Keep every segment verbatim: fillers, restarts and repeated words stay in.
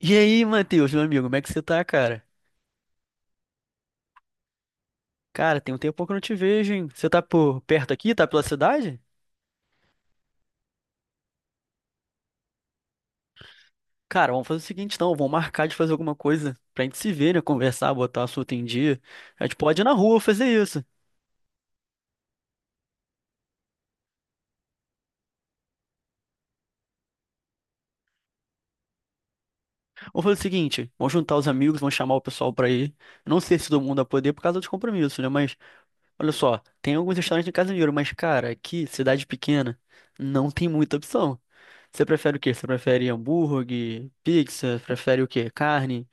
E aí, Matheus, meu amigo, como é que você tá, cara? Cara, tem um tempo que eu não te vejo, hein? Você tá por perto aqui? Tá pela cidade? Cara, vamos fazer o seguinte, então, vamos marcar de fazer alguma coisa pra gente se ver, né? Conversar, botar o assunto em dia. A gente pode ir na rua fazer isso. Vamos fazer o seguinte, vamos juntar os amigos, vamos chamar o pessoal pra ir. Não sei se todo mundo vai poder por causa dos compromissos, né? Mas, olha só, tem alguns restaurantes em Casimiro, mas, cara, aqui, cidade pequena, não tem muita opção. Você prefere o quê? Você prefere hambúrguer, pizza? Prefere o quê? Carne?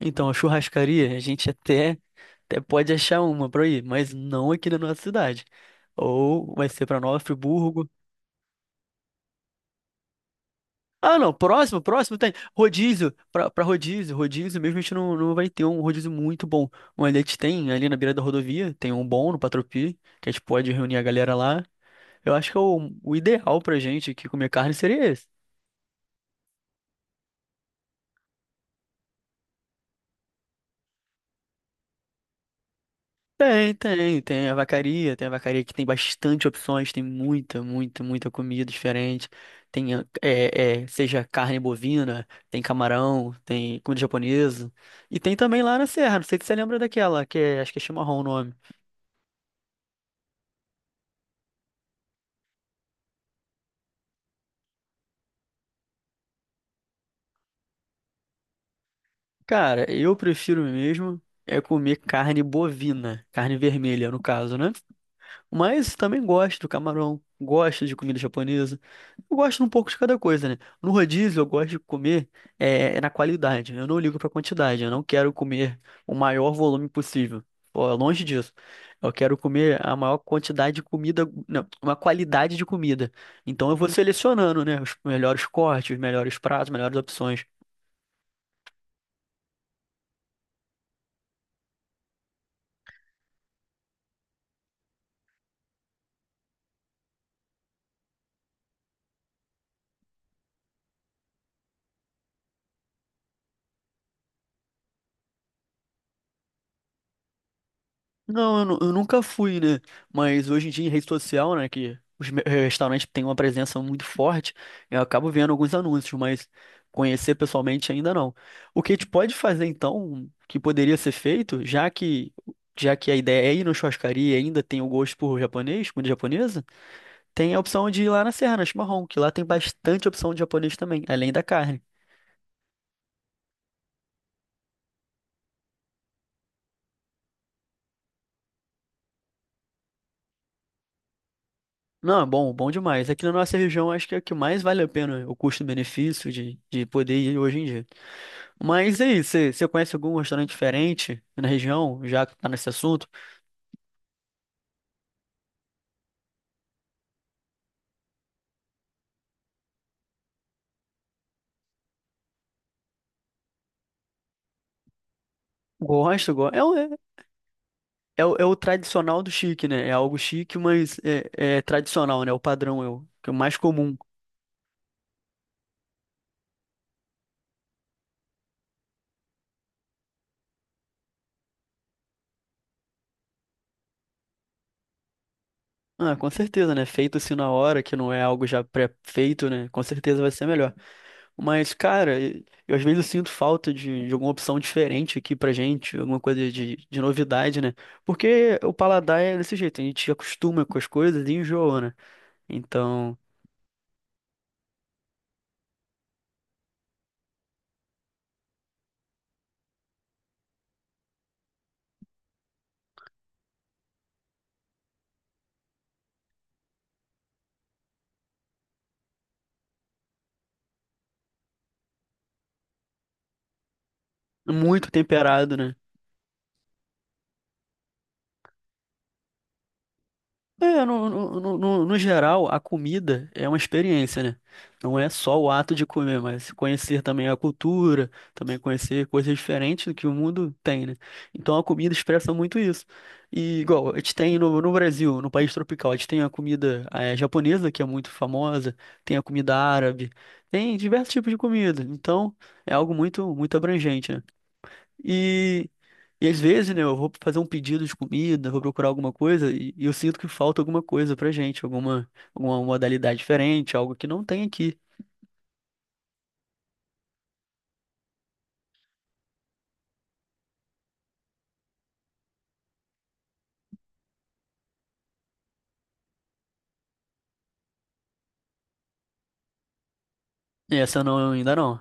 Então, a churrascaria, a gente até, até pode achar uma pra ir, mas não aqui na nossa cidade. Ou vai ser pra Nova Friburgo. Ah, não, próximo, próximo tem. Rodízio, pra, pra rodízio, rodízio mesmo a gente não, não vai ter um rodízio muito bom. Mas a gente tem ali na beira da rodovia, tem um bom no Patropi, que a gente pode reunir a galera lá. Eu acho que é o, o ideal pra gente aqui comer carne seria esse. Tem, tem, tem a vacaria, tem a vacaria que tem bastante opções, tem muita, muita, muita comida diferente. Tem, ah, é, é, seja carne bovina, tem camarão, tem comida japonesa. E tem também lá na Serra, não sei se você lembra daquela, que é, acho que é chimarrão o nome. Cara, eu prefiro mesmo é comer carne bovina, carne vermelha no caso, né? Mas também gosto do camarão, gosto de comida japonesa. Eu gosto um pouco de cada coisa, né? No rodízio, eu gosto de comer é, é na qualidade, né? Eu não ligo pra quantidade. Eu não quero comer o maior volume possível. Pô, é longe disso. Eu quero comer a maior quantidade de comida, não, uma qualidade de comida. Então eu vou selecionando, né? Os melhores cortes, os melhores pratos, melhores opções. Não, eu, nu- eu nunca fui, né? Mas hoje em dia em rede social, né, que os me- eh, restaurantes têm uma presença muito forte, eu acabo vendo alguns anúncios, mas conhecer pessoalmente ainda não. O que a gente pode fazer então, que poderia ser feito, já que já que a ideia é ir na churrascaria e ainda tem o gosto por japonês, comida japonesa, tem a opção de ir lá na Serra, na Chimarrão, que lá tem bastante opção de japonês também, além da carne. Não, é bom, bom demais. Aqui na nossa região, acho que é o que mais vale a pena o custo-benefício de, de poder ir hoje em dia. Mas e aí, você você conhece algum restaurante diferente na região, já que tá nesse assunto? Gosto, gosto. É, o- é, é, o é o tradicional do chique, né? É algo chique, mas é, é tradicional, né? É o padrão é o, que é o mais comum. Ah, com certeza, né? Feito assim na hora, que não é algo já pré-feito, né? Com certeza vai ser melhor. Mas, cara, e- eu às vezes sinto falta de, de alguma opção diferente aqui pra gente, alguma coisa de, de novidade, né? Porque o paladar é desse jeito, a gente acostuma com as coisas e enjoa, né? Então. Muito temperado, né? É, no, no, no, no- no geral, a comida é uma experiência, né? Não é só o ato de comer, mas conhecer também a cultura, também conhecer coisas diferentes do que o mundo tem, né? Então a comida expressa muito isso. E igual, a gente tem no, no Brasil, no país tropical, a gente tem a comida eh, japonesa, que é muito famosa, tem a comida árabe, tem diversos tipos de comida. Então é algo muito, muito abrangente, né? E E às vezes, né, eu vou fazer um pedido de comida, vou procurar alguma coisa e e eu sinto que falta alguma coisa pra gente, alguma, alguma modalidade diferente, algo que não tem aqui. E essa não, ainda não.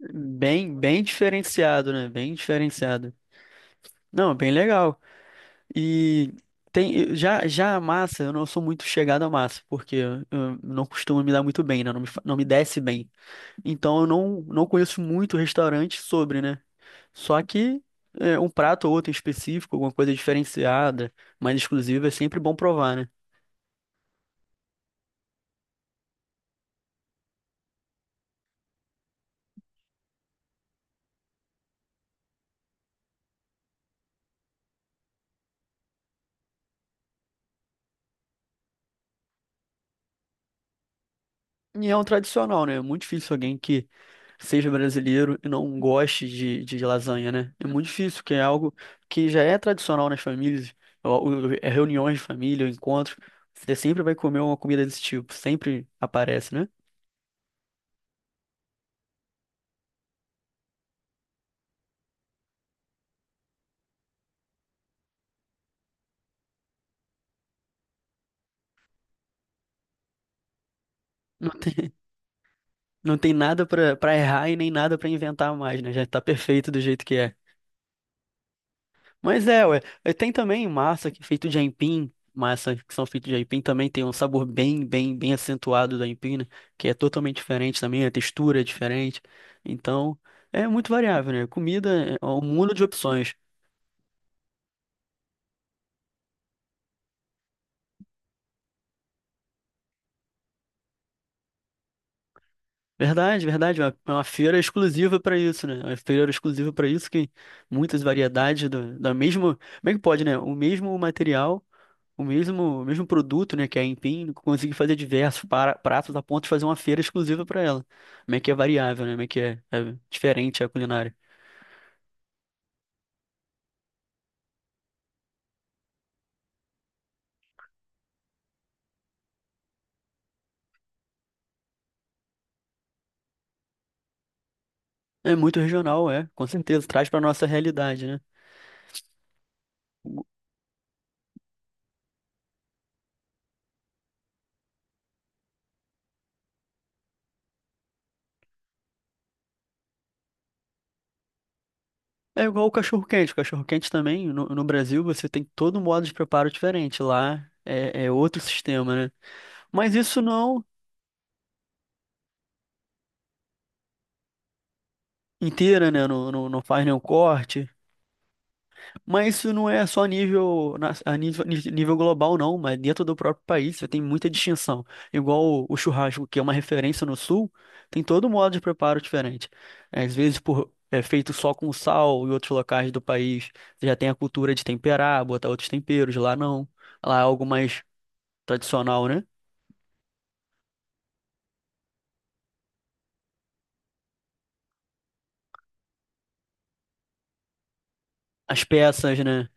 Bem, bem diferenciado, né? Bem diferenciado. Não, bem legal. E tem, já, já a massa, eu não sou muito chegado à massa, porque eu não costumo me dar muito bem, né? Não me, fa- não me desce bem. Então eu não, não conheço muito restaurante sobre, né? Só que é, um prato ou outro em específico, alguma coisa diferenciada, mais exclusiva, é sempre bom provar, né? E é um tradicional, né? É muito difícil alguém que seja brasileiro e não goste de, de lasanha, né? É muito difícil, que é algo que já é tradicional nas famílias, ou- ou- é reuniões de família, ou encontros. Você sempre vai comer uma comida desse tipo, sempre aparece, né? Não, não tem nada pra, pra errar e nem nada pra inventar mais, né? Já tá perfeito do jeito que é. Mas é, ué. Eh, Tem também massa que é feito de aipim, massa que são feitos de aipim também tem um sabor bem, bem, bem acentuado do aipim, né? Que é totalmente diferente também, a textura é diferente. Então, é muito variável, né? Comida é é um mundo de opções. Verdade, verdade. É uma é uma feira exclusiva para isso, né? É uma feira exclusiva para isso que muitas variedades do, da mesma, como é que pode, né? O mesmo material o mesmo, o mesmo produto, né, que é a Empim, conseguir fazer diversos para- pratos a ponto de fazer uma feira exclusiva para ela. Como é que é variável, né? Como é que é, é diferente a culinária. É muito regional, é, com certeza, traz para nossa realidade, né? É igual o cachorro-quente. O cachorro-quente também, no, no Brasil, você tem todo um modo de preparo diferente. Lá é, é outro sistema, né? Mas isso não inteira, né? Não, não, não faz nenhum corte. Mas isso não é só nível, na- a nível, nível global, não, mas dentro do próprio país você tem muita distinção. Igual o, o churrasco, que é uma referência no sul, tem todo modo de preparo diferente. É, às vezes por, é feito só com sal, em outros locais do país você já tem a cultura de temperar, botar outros temperos, lá não. Lá é algo mais tradicional, né? As peças, né?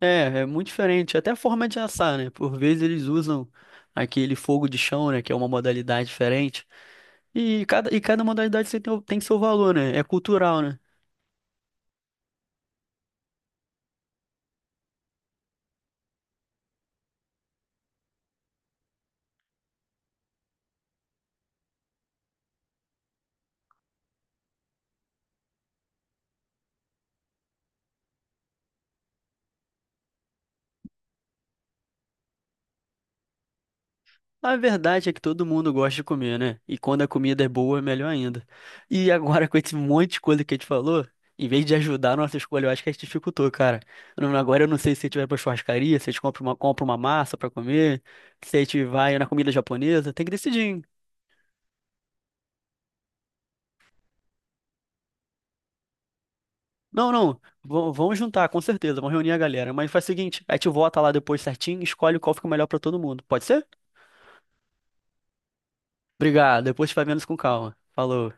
É, é muito diferente. Até a forma de assar, né? Por vezes eles usam aquele fogo de chão, né? Que é uma modalidade diferente. E cada, e cada modalidade você tem, o- tem seu valor, né? É cultural, né? A verdade é que todo mundo gosta de comer, né? E quando a comida é boa, é melhor ainda. E agora, com esse monte de coisa que a gente falou, em vez de ajudar a nossa escolha, eu acho que a gente dificultou, cara. Não- Agora eu não sei se a gente vai pra churrascaria, se a gente compra uma, compra uma massa pra comer, se a gente vai na comida japonesa, tem que decidir, hein? Não, não. Vão- Vamos juntar, com certeza. Vamos reunir a galera. Mas faz o seguinte, a gente vota lá depois certinho, e escolhe qual fica melhor pra todo mundo. Pode ser? Obrigado. Depois a gente vai vendo isso com calma. Falou.